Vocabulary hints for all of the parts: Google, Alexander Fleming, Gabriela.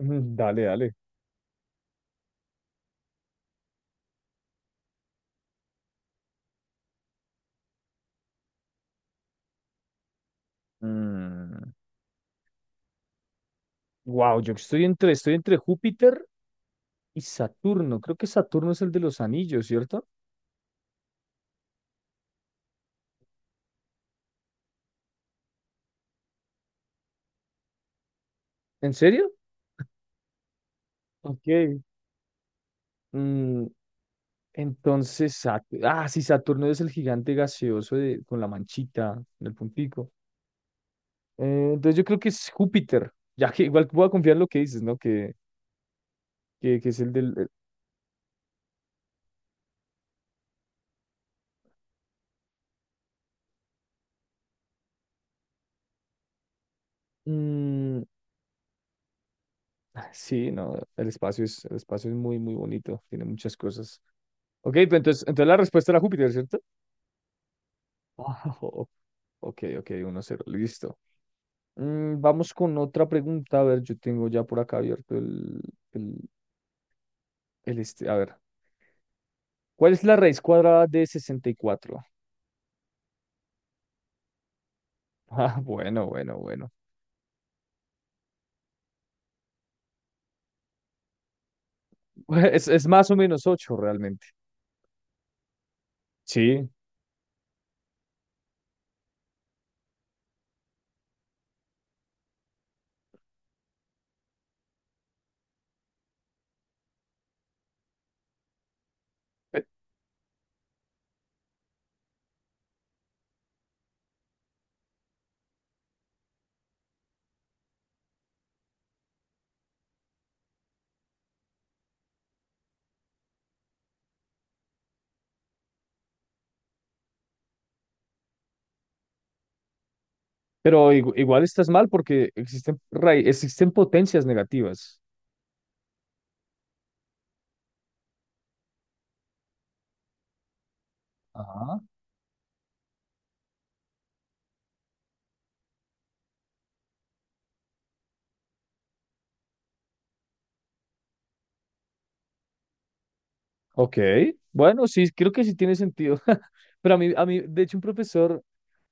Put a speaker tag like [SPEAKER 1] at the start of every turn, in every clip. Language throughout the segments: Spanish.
[SPEAKER 1] Mm. Dale, dale. Mm, Wow, yo estoy entre Júpiter y Saturno. Creo que Saturno es el de los anillos, ¿cierto? ¿En serio? Ok. Mm, entonces, sí, Saturno es el gigante gaseoso con la manchita en el puntico. Entonces yo creo que es Júpiter, ya que igual voy a confiar en lo que dices, ¿no? Que es el del. mm, sí, no, el espacio es muy, muy bonito, tiene muchas cosas. Ok, pues entonces la respuesta era Júpiter, ¿cierto? Ok, ok, 1-0, listo. Vamos con otra pregunta. A ver, yo tengo ya por acá abierto el, el este. A ver, ¿cuál es la raíz cuadrada de 64? Bueno, bueno, bueno. Es más o menos 8, realmente. Sí, pe- pero igual estás mal porque existen potencias negativas. Ajá. Ok, bueno, sí, creo que sí tiene sentido. Pero a mí, de hecho, un profesor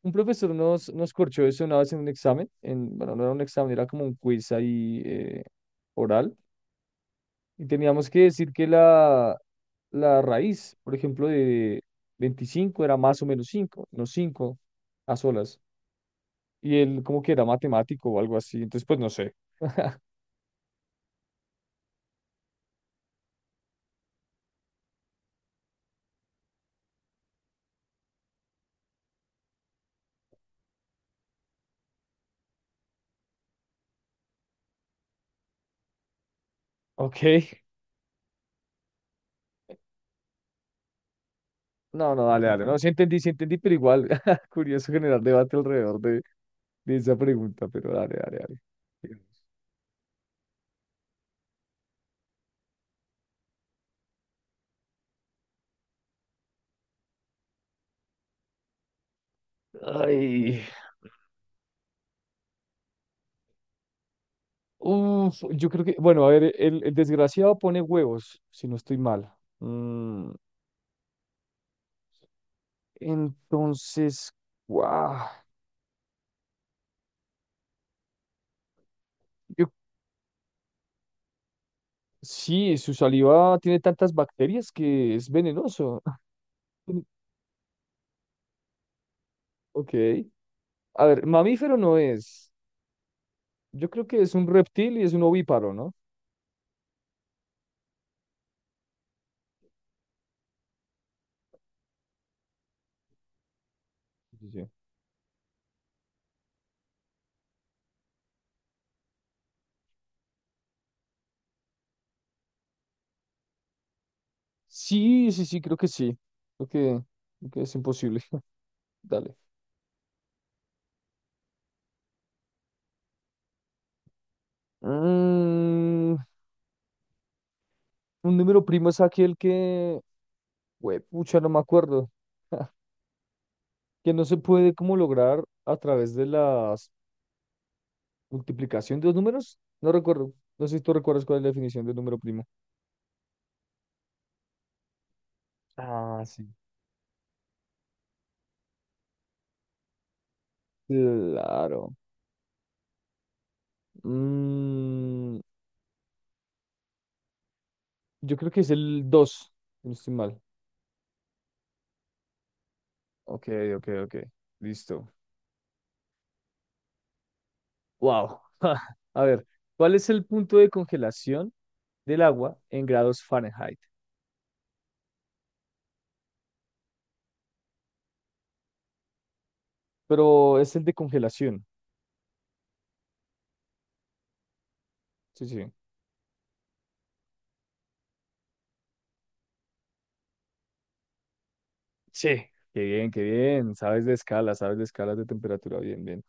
[SPEAKER 1] Un profesor nos corchó eso una vez en un examen, bueno, no era un examen, era como un quiz ahí oral, y teníamos que decir que la raíz, por ejemplo, de 25 era más o menos cinco, no 5 a solas, y él como que era matemático o algo así, entonces pues no sé. Ok, no, no, dale, dale, no, sí entendí, pero igual, curioso generar debate alrededor de esa pregunta, pero dale, dale, dale. Ay. Uf, yo creo que, bueno, a ver, el desgraciado pone huevos, si no estoy mal. Mm, entonces, guau, yo, sí, su saliva tiene tantas bacterias que es venenoso. Ok. A ver, mamífero no es. Yo creo que es un reptil y es un ovíparo, ¿no? Sí, sí, sí, sí, sí, creo que sí. Creo que, creo que es imposible. Dale. Mm, un número primo es aquel que... Güey, pucha, no me acuerdo. que no se puede como lograr a través de la multiplicación de los números. No recuerdo. No sé si tú recuerdas cuál es la definición de número primo. Ah, sí. Claro. Mm, yo creo que es el 2 si no estoy mal. Ok, ok, ok. Listo. Wow. A ver, ¿cuál es el punto de congelación del agua en grados Fahrenheit? Pero es el de congelación. Sí, sí. Sí. Qué bien, qué bien. Sabes de escalas de temperatura. Bien, bien.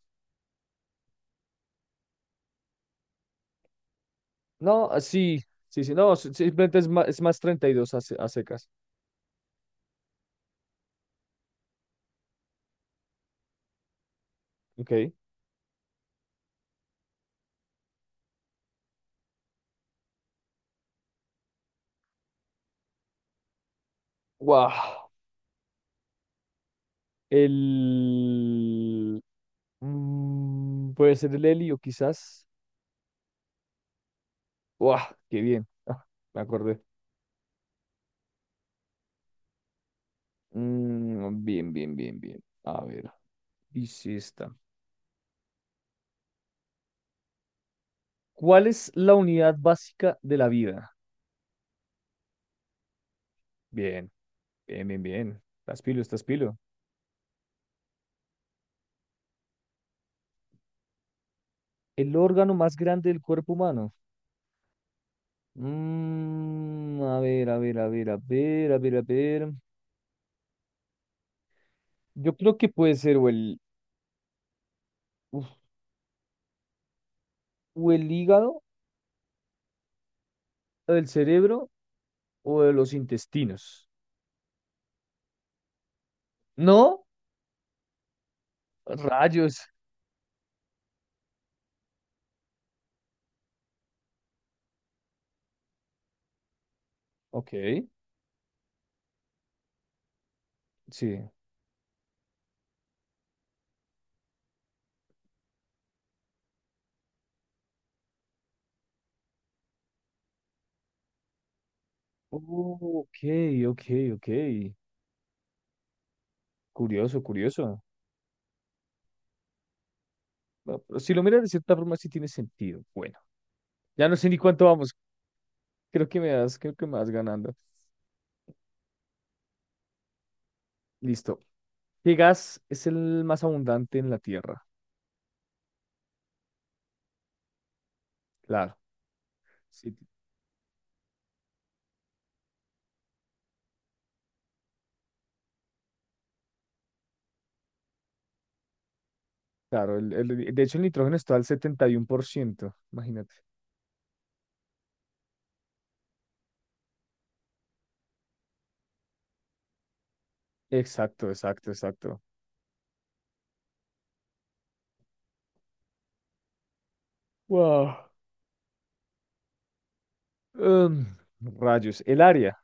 [SPEAKER 1] No, sí, sí, sí, no, simplemente es más 32 a secas. Ok. Wow. El... Puede ser el helio, quizás. Wow, qué bien. Me acordé. Bien, bien, bien, bien. A ver, dice esta. ¿Cuál es la unidad básica de la vida? Bien, bien, bien, bien. Estás pilo, estás pilo. El órgano más grande del cuerpo humano. A ver, a ver, a ver, a ver, a ver, a ver. Yo creo que puede ser uf, o el hígado, o el cerebro, o de los intestinos. ¿No? Rayos. Ok, sí. Oh, ok, ok, ok. Curioso, curioso. Bueno, pero si lo miras de cierta forma, sí tiene sentido. Bueno, ya no sé ni cuánto vamos. Creo que me vas ganando. Listo. ¿Qué gas es el más abundante en la Tierra? Claro, sí, claro. De hecho, el nitrógeno está al 71%. Imagínate. Exacto, exacto, exacto. Wow. Em, Rayos. El área.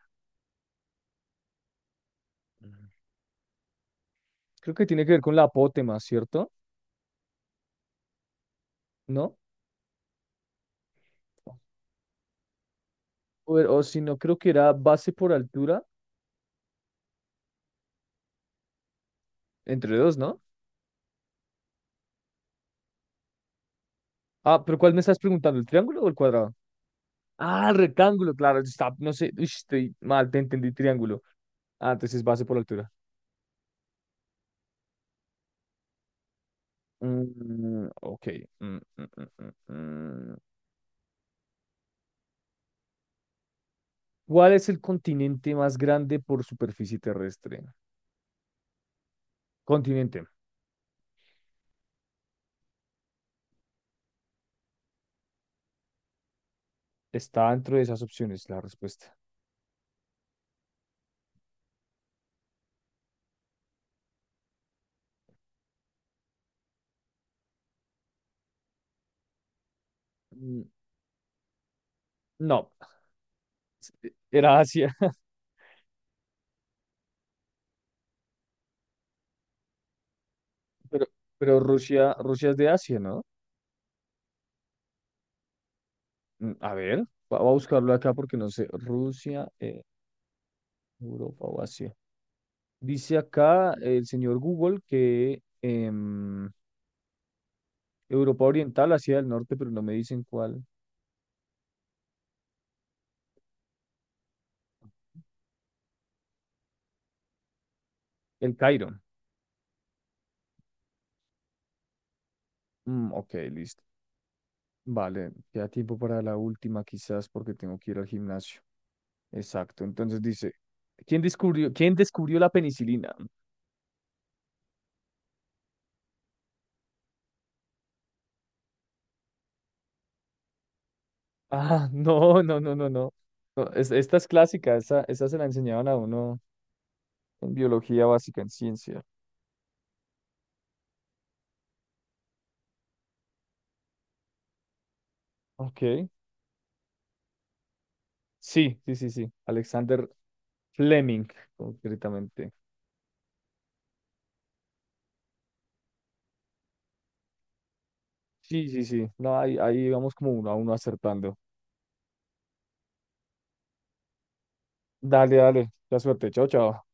[SPEAKER 1] Creo que tiene que ver con la apótema, ¿cierto? ¿No? O si no, creo que era base por altura entre dos, ¿no? Ah, pero ¿cuál me estás preguntando? ¿El triángulo o el cuadrado? Ah, el rectángulo, claro. Está, no sé, uy, estoy mal, te entendí triángulo. Ah, entonces base por altura. Mm, ok. Mm, mm, mm, mm, mm. ¿Cuál es el continente más grande por superficie terrestre? Continente. Está dentro de esas opciones la respuesta. Mm, no, era Asia. Pero, pero Rusia es de Asia, ¿no? A ver, voy a buscarlo acá porque no sé. Rusia, Europa o Asia. Dice acá el señor Google que Europa Oriental, Asia del Norte, pero no me dicen cuál. El Cairo. Mm, ok, listo. Vale, queda tiempo para la última quizás porque tengo que ir al gimnasio. Exacto. Entonces dice, ¿quién descubrió la penicilina? Ah, no, no, no, no, no. No, esta es clásica, esa se la enseñaban a uno en biología básica, en ciencia. Ok. Sí, sí, sí, sí. Alexander Fleming, concretamente. Sí, sí, sí. No, ahí vamos como uno a uno acertando. Dale, dale. La suerte. Chao, chao.